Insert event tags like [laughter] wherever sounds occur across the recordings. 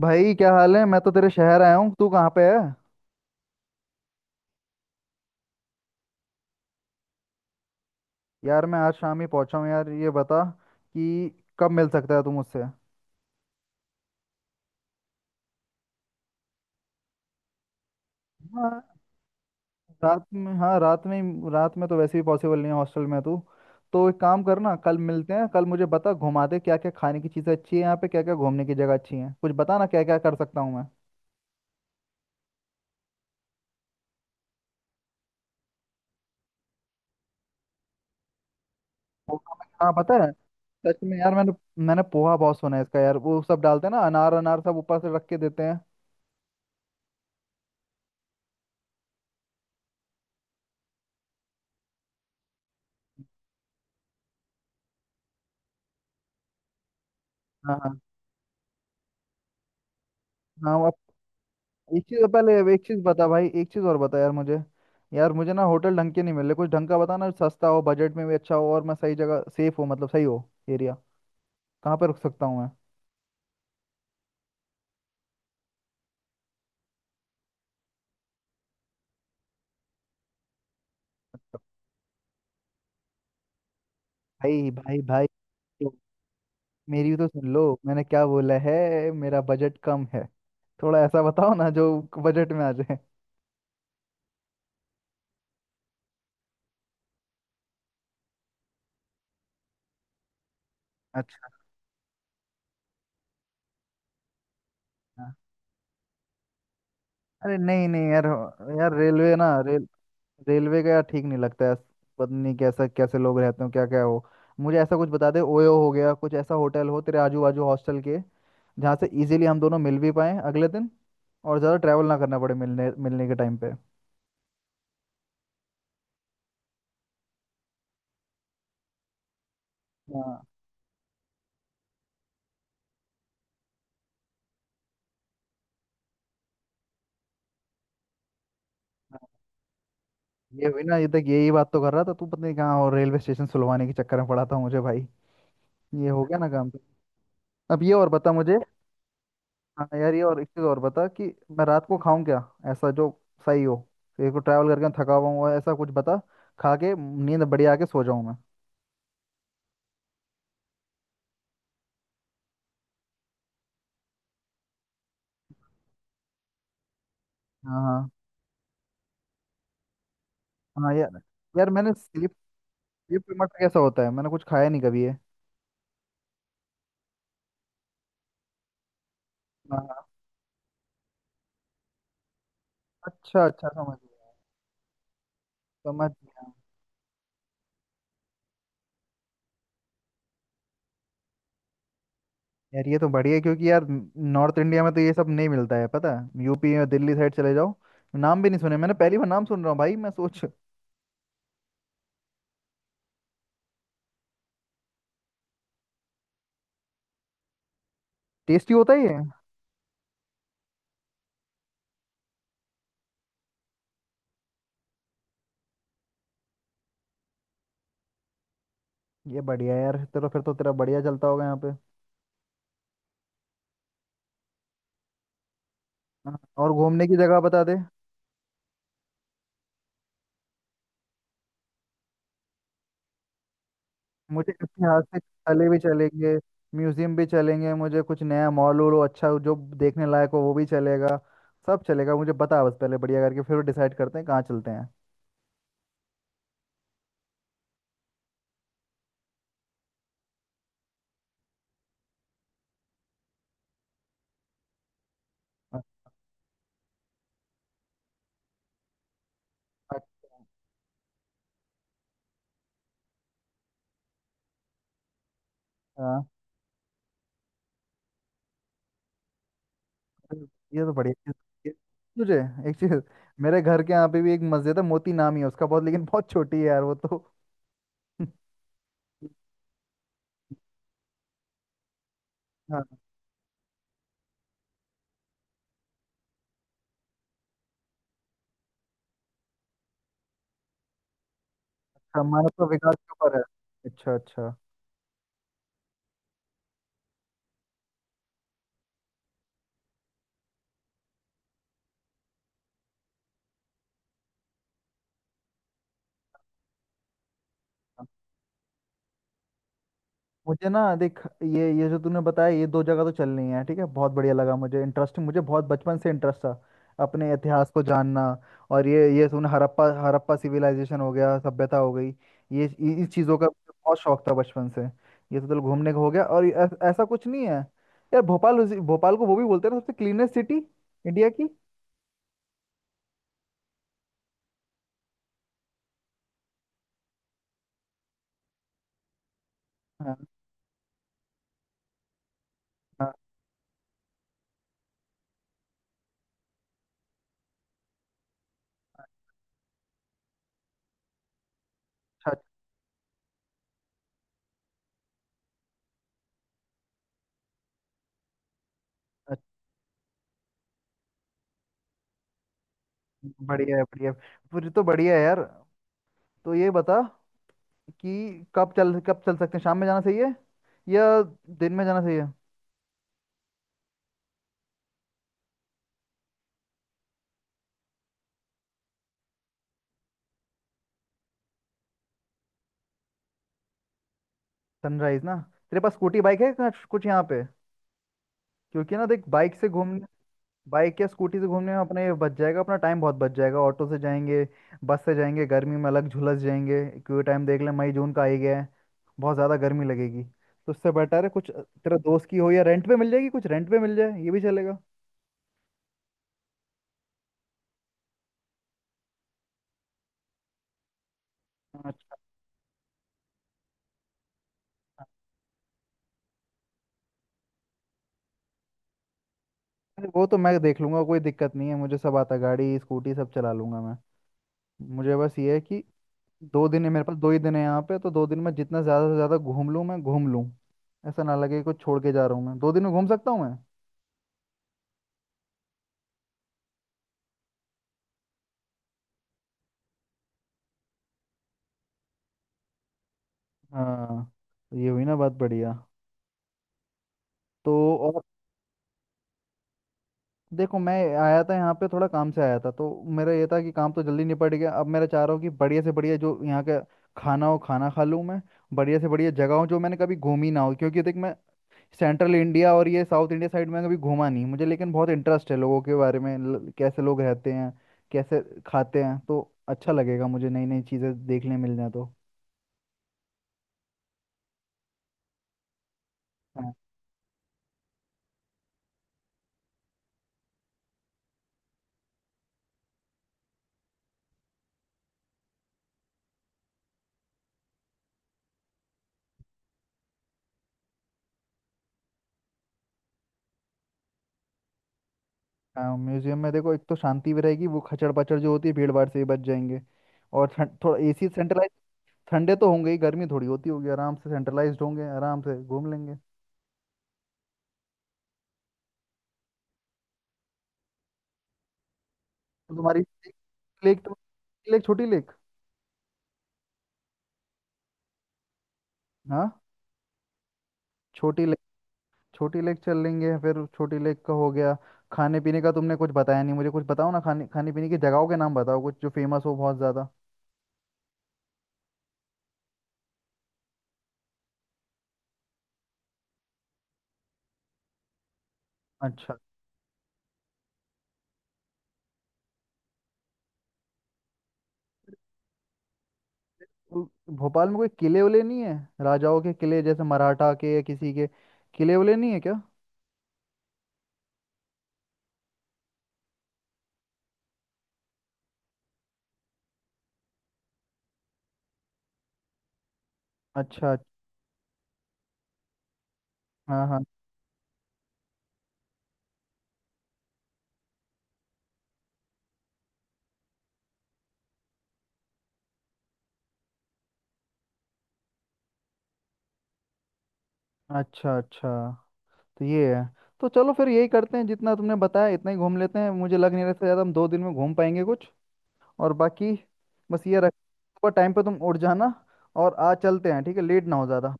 भाई, क्या हाल है। मैं तो तेरे शहर आया हूँ। तू कहाँ पे है? यार, मैं आज शाम ही पहुँचा हूँ। यार, ये बता कि कब मिल सकता है तू मुझसे? हाँ, रात में। हाँ, रात में तो वैसे भी पॉसिबल नहीं है। हॉस्टल में है तू? तो एक काम करना, कल मिलते हैं। कल मुझे बता, घुमा दे क्या क्या खाने की चीज़ें अच्छी है यहाँ पे, क्या क्या घूमने की जगह अच्छी है। कुछ बता ना, क्या क्या कर सकता हूँ मैं। हाँ, पता है। सच में यार, मैंने मैंने पोहा बहुत सुना है इसका। यार, वो सब डालते हैं ना, अनार, अनार सब ऊपर से रख के देते हैं। हाँ हाँ हाँ, वो। एक चीज पहले, एक चीज बता भाई, एक चीज और बता यार मुझे। यार, मुझे ना होटल ढंग के नहीं मिले। कुछ ढंग का बता ना, सस्ता हो, बजट में भी अच्छा हो, और मैं सही जगह, सेफ हो, मतलब सही हो एरिया। कहाँ पे रुक सकता हूँ मैं? भाई भाई भाई, तो मेरी भी तो सुन लो, मैंने क्या बोला है। मेरा बजट कम है, थोड़ा ऐसा बताओ ना जो बजट में आ जाए। अच्छा। अरे नहीं नहीं यार। यार, रेलवे ना रेल रेलवे का यार ठीक नहीं लगता है। पता नहीं कैसा, कैसे लोग रहते हो, क्या क्या हो। मुझे ऐसा कुछ बता दे, ओयो हो गया कुछ, ऐसा होटल हो तेरे आजू बाजू हॉस्टल के, जहाँ से इजीली हम दोनों मिल भी पाएं अगले दिन, और ज़्यादा ट्रैवल ना करना पड़े मिलने मिलने के टाइम पे। हाँ हाँ, ये हुई ना, ये तक यही बात तो कर रहा था तू। पता नहीं कहाँ और रेलवे स्टेशन सुलवाने के चक्कर में पड़ा था मुझे भाई। ये हो गया ना काम। अब ये और बता मुझे। हाँ यार, ये और एक चीज़ और बता कि मैं रात को खाऊं क्या, ऐसा जो सही हो। एक को ट्रैवल करके थका हुआ हूँ, ऐसा कुछ बता खा के नींद बढ़िया आके सो जाऊं मैं। हाँ हाँ हाँ यार। यार, मैंने स्लीप स्लीप मटर कैसा होता है, मैंने कुछ खाया नहीं कभी है। हाँ, अच्छा अच्छा, समझ गया। समझ गया यार, ये तो बढ़िया है क्योंकि यार, नॉर्थ इंडिया में तो ये सब नहीं मिलता है। पता है, यूपी या दिल्ली साइड चले जाओ, नाम भी नहीं सुने। मैंने पहली बार नाम सुन रहा हूँ भाई, मैं सोच, टेस्टी होता ही है। ये बढ़िया है यार तेरा, फिर तो तेरा बढ़िया चलता होगा यहाँ पे। हाँ, और घूमने की जगह बता दे। मुझे ऐतिहासिक स्थलें भी चलेंगे, म्यूजियम भी चलेंगे, मुझे कुछ नया मॉल वॉल हो, अच्छा हो, जो देखने लायक हो वो भी चलेगा। सब चलेगा मुझे, बता बस, पहले बढ़िया करके फिर डिसाइड करते हैं कहाँ चलते हैं। अ- अच्छा। अरे, ये तो बढ़िया ये- तुझे एक चीज, मेरे घर के यहाँ पे भी एक मस्जिद है, मोती नाम ही है उसका, बहुत लेकिन बहुत छोटी है यार वो तो। [laughs] हाँ, अच्छा, मानव का विकास के ऊपर है। अच्छा अच्छा। मुझे ना देख, ये जो तूने बताया ये दो जगह तो चलनी है, ठीक है, बहुत बढ़िया लगा मुझे, इंटरेस्टिंग। मुझे बहुत बचपन से इंटरेस्ट था अपने इतिहास को जानना। और ये तूने हड़प्पा हड़प्पा सिविलाइजेशन हो गया, सभ्यता हो गई, ये इस चीज़ों का मुझे बहुत शौक था बचपन से। ये तो चल, घूमने का हो गया। और ऐसा कुछ नहीं है यार, भोपाल भोपाल को वो भी बोलते हैं ना सबसे क्लीनेस्ट सिटी इंडिया की? हाँ हाँ, अच्छा अच्छा। अच्छा, बढ़िया है, बढ़िया है। फिर तो बढ़िया है यार। तो ये बता कि कब चल सकते हैं, शाम में जाना सही है या दिन में जाना सही है? सनराइज ना। तेरे पास स्कूटी, बाइक है कुछ कुछ यहाँ पे? क्योंकि ना देख, बाइक से घूमने, बाइक या स्कूटी से घूमने में अपना ये बच जाएगा, अपना टाइम बहुत बच जाएगा। ऑटो से जाएंगे, बस से जाएंगे, गर्मी में अलग झुलस जाएंगे, क्योंकि टाइम देख ले, मई जून का आ ही गया है। बहुत ज़्यादा गर्मी लगेगी, तो उससे बेटर है कुछ तेरा दोस्त की हो या रेंट पे मिल जाएगी, कुछ रेंट पे मिल जाए ये भी चलेगा। अच्छा। अरे वो तो मैं देख लूंगा, कोई दिक्कत नहीं है। मुझे सब आता है, गाड़ी, स्कूटी सब चला लूंगा मैं। मुझे बस ये है कि दो दिन है मेरे पास, दो ही दिन है यहाँ पे। तो दो दिन में जितना ज़्यादा से ज़्यादा घूम लूँ मैं, घूम लूँ। ऐसा ना लगे कुछ छोड़ के जा रहा हूँ। मैं दो दिन में घूम सकता हूँ मैं। हाँ, तो ये हुई ना बात, बढ़िया। तो, और, देखो, मैं आया था यहाँ पे, थोड़ा काम से आया था, तो मेरा ये था कि काम तो जल्दी निपट गया। अब मेरा चाह रहा हूँ कि बढ़िया से बढ़िया जो यहाँ का खाना हो, खाना खा लूँ मैं। बढ़िया से बढ़िया जगह हो जो मैंने कभी घूमी ना हो, क्योंकि देख मैं सेंट्रल इंडिया और ये साउथ इंडिया साइड में कभी घूमा नहीं मुझे, लेकिन बहुत इंटरेस्ट है लोगों के बारे में, कैसे लोग रहते हैं, कैसे खाते हैं। तो अच्छा लगेगा मुझे, नई नई चीज़ें देखने मिल जाए तो। हाँ हाँ, म्यूजियम में देखो, एक तो शांति भी रहेगी, वो खचड़ पचड़ जो होती है भीड़ भाड़ से भी बच जाएंगे। और ठंड, थोड़ा एसी सेंट्रलाइज, ठंडे तो होंगे ही, गर्मी थोड़ी होती होगी, आराम से सेंट्रलाइज्ड होंगे, आराम से घूम लेंगे। तो तुम्हारी लेक तो, लेक, छोटी लेक। हाँ, छोटी लेक, छोटी लेक चल लेंगे। फिर छोटी लेक का हो गया। खाने पीने का तुमने कुछ बताया नहीं मुझे, कुछ बताओ ना, खाने खाने पीने की जगहों के नाम बताओ, कुछ जो फेमस हो बहुत ज़्यादा। अच्छा। तो भोपाल में कोई किले उले नहीं है? राजाओं के किले जैसे मराठा के या किसी के, किले उले नहीं है क्या? अच्छा। हाँ हाँ, अच्छा अच्छा। तो ये है, तो चलो फिर यही करते हैं, जितना तुमने बताया इतना ही घूम लेते हैं, मुझे लग नहीं रहा इससे ज़्यादा हम दो दिन में घूम पाएंगे कुछ। और बाकी, बस ये रख, सुबह टाइम पे तुम उठ जाना और आज चलते हैं, ठीक है, लेट ना हो ज़्यादा।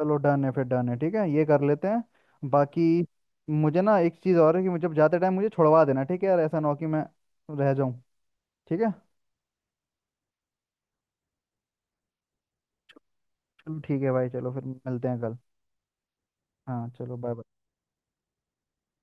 चलो, डन है फिर, डन है, ठीक है, ये कर लेते हैं बाकी। मुझे ना एक चीज़ और है कि मुझे जाते टाइम मुझे छुड़वा देना, ठीक है यार, ऐसा ना हो कि मैं रह जाऊं। ठीक है। चलो ठीक है भाई, चलो फिर मिलते हैं कल। हाँ चलो, बाय बाय।